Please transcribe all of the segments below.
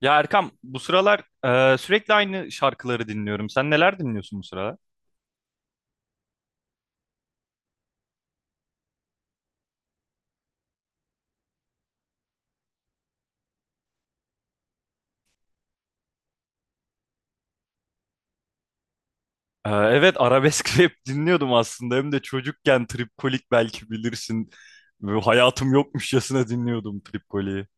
Ya Erkam, bu sıralar sürekli aynı şarkıları dinliyorum. Sen neler dinliyorsun bu sıralar? Evet, arabesk rap dinliyordum aslında. Hem de çocukken Tripkolik belki bilirsin. Böyle hayatım yokmuşçasına dinliyordum Tripkolik'i.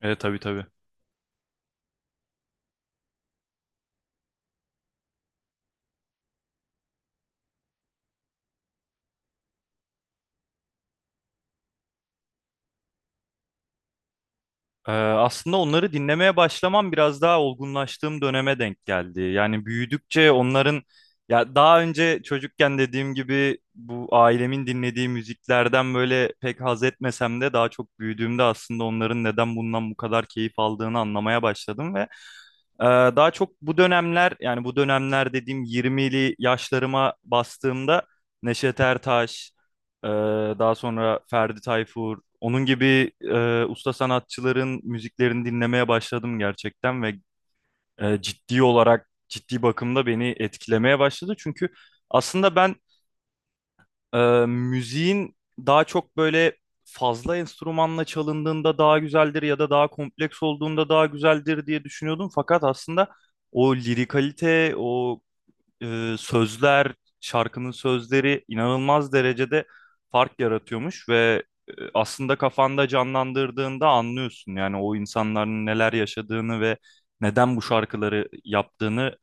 Evet, tabii tabii. Aslında onları dinlemeye başlamam biraz daha olgunlaştığım döneme denk geldi. Yani büyüdükçe onların, ya daha önce çocukken dediğim gibi bu ailemin dinlediği müziklerden böyle pek haz etmesem de daha çok büyüdüğümde aslında onların neden bundan bu kadar keyif aldığını anlamaya başladım ve ee, daha çok bu dönemler, yani bu dönemler dediğim 20'li yaşlarıma bastığımda Neşet Ertaş, e, daha sonra Ferdi Tayfur, onun gibi usta sanatçıların müziklerini dinlemeye başladım gerçekten ve ciddi olarak ciddi bakımda beni etkilemeye başladı. Çünkü aslında ben, ee, müziğin daha çok böyle fazla enstrümanla çalındığında daha güzeldir ya da daha kompleks olduğunda daha güzeldir diye düşünüyordum. Fakat aslında o lirikalite, o sözler, şarkının sözleri inanılmaz derecede fark yaratıyormuş ve aslında kafanda canlandırdığında anlıyorsun. Yani o insanların neler yaşadığını ve neden bu şarkıları yaptığını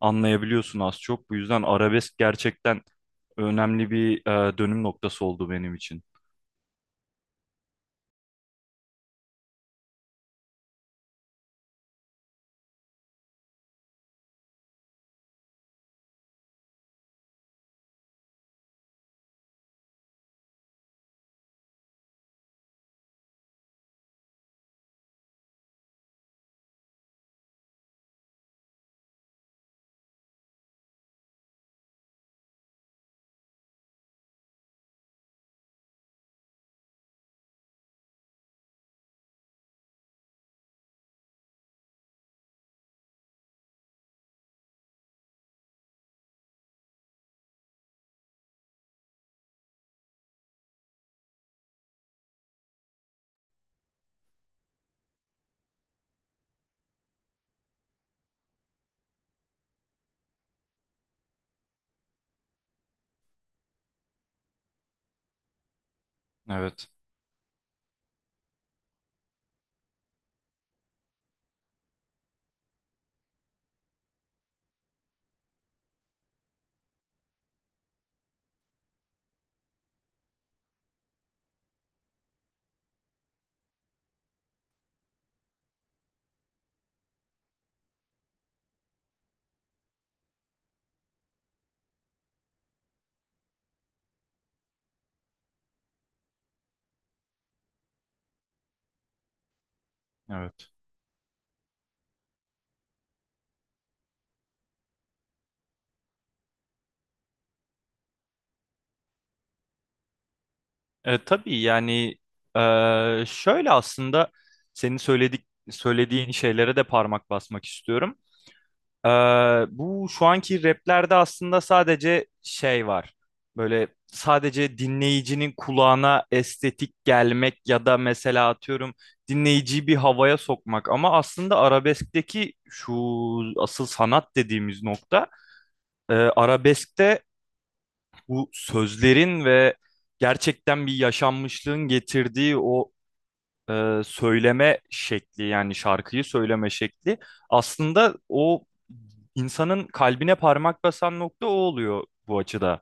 anlayabiliyorsun az çok. Bu yüzden arabesk gerçekten önemli bir dönüm noktası oldu benim için. Evet, evet. Tabii yani, şöyle aslında senin söylediğin şeylere de parmak basmak istiyorum. Ee, Bu şu anki raplerde aslında sadece şey var. Böyle sadece dinleyicinin kulağına estetik gelmek ya da mesela atıyorum dinleyiciyi bir havaya sokmak. Ama aslında arabeskteki şu asıl sanat dediğimiz nokta, arabeskte bu sözlerin ve gerçekten bir yaşanmışlığın getirdiği o söyleme şekli, yani şarkıyı söyleme şekli aslında o insanın kalbine parmak basan nokta o oluyor bu açıda.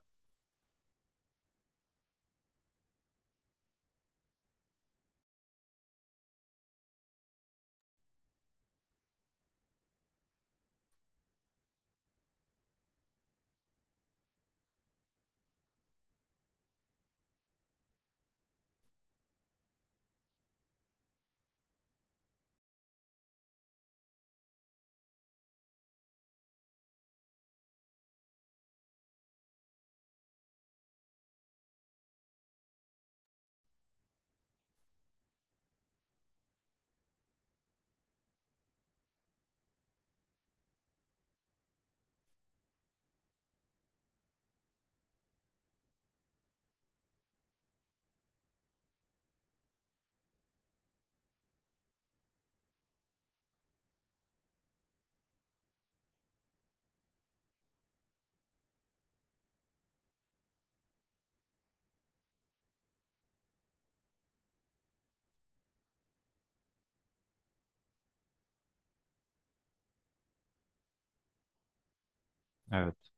Evet.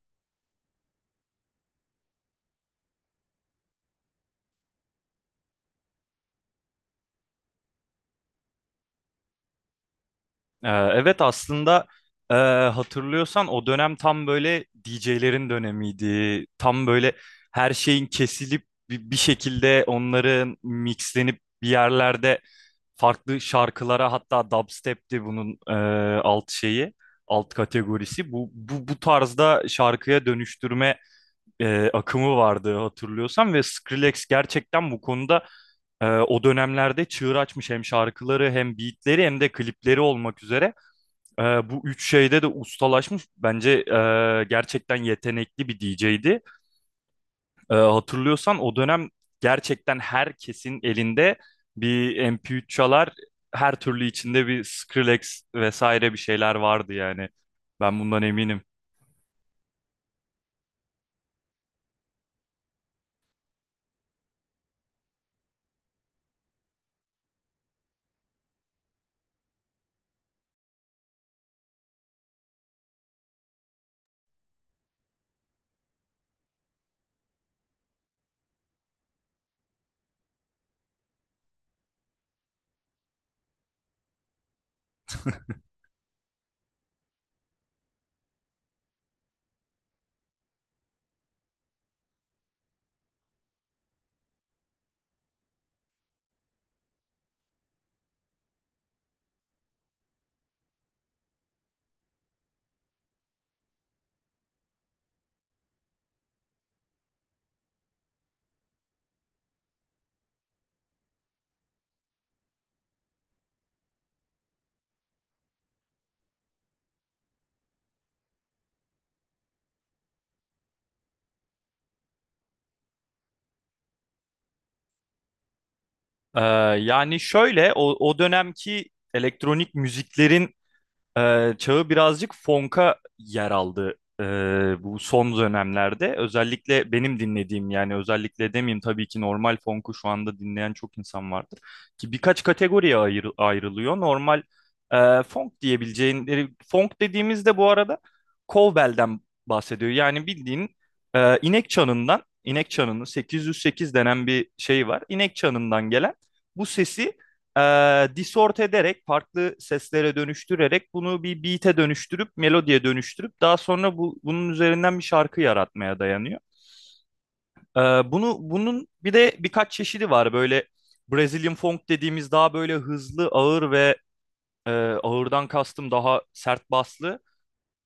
Evet aslında, e, hatırlıyorsan o dönem tam böyle DJ'lerin dönemiydi. Tam böyle her şeyin kesilip bir şekilde onların mixlenip bir yerlerde farklı şarkılara, hatta dubstep'ti bunun alt şeyi, alt kategorisi. Bu tarzda şarkıya dönüştürme akımı vardı hatırlıyorsan ve Skrillex gerçekten bu konuda, o dönemlerde çığır açmış, hem şarkıları hem beatleri hem de klipleri olmak üzere. Bu üç şeyde de ustalaşmış. Bence gerçekten yetenekli bir DJ'di. Hatırlıyorsan o dönem gerçekten herkesin elinde bir MP3 çalar, her türlü içinde bir Skrillex vesaire bir şeyler vardı yani. Ben bundan eminim. Ee, Yani şöyle, o dönemki elektronik müziklerin çağı birazcık fonka yer aldı ee, bu son dönemlerde. Özellikle benim dinlediğim, yani özellikle demeyeyim, tabii ki normal fonku şu anda dinleyen çok insan vardır. Ki birkaç kategoriye ayrılıyor. Normal fonk diyebileceğin, fonk dediğimizde bu arada kovbelden bahsediyor. Yani bildiğin inek çanından, inek çanını 808 denen bir şey var. İnek çanından gelen bu sesi disort ederek, farklı seslere dönüştürerek bunu bir beat'e dönüştürüp, melodiye dönüştürüp daha sonra bu, bunun üzerinden bir şarkı yaratmaya dayanıyor. E, Bunu, bunun bir de birkaç çeşidi var. Böyle Brazilian funk dediğimiz, daha böyle hızlı, ağır ve e, ağırdan kastım daha sert baslı,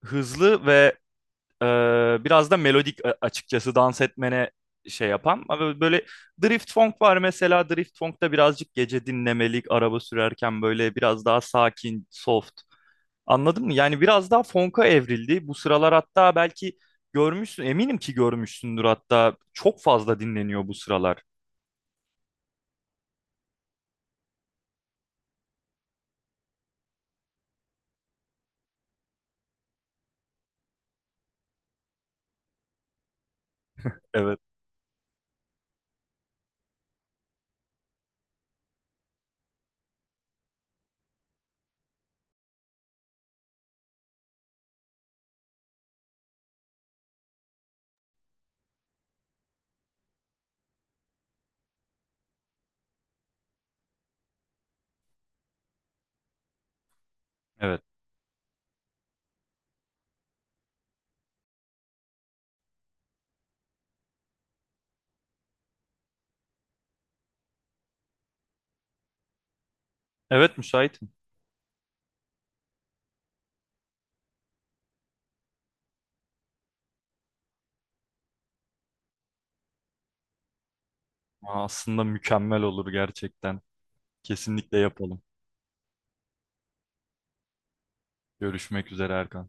hızlı ve biraz da melodik, açıkçası dans etmene şey yapan. Ama böyle drift funk var mesela. Drift funk'ta birazcık gece dinlemelik, araba sürerken böyle biraz daha sakin, soft. Anladın mı? Yani biraz daha funk'a evrildi. Bu sıralar hatta belki görmüşsün, eminim ki görmüşsündür hatta. Çok fazla dinleniyor bu sıralar. Evet, evet. Evet, müsaitim. Aa, aslında mükemmel olur gerçekten. Kesinlikle yapalım. Görüşmek üzere, Erkan.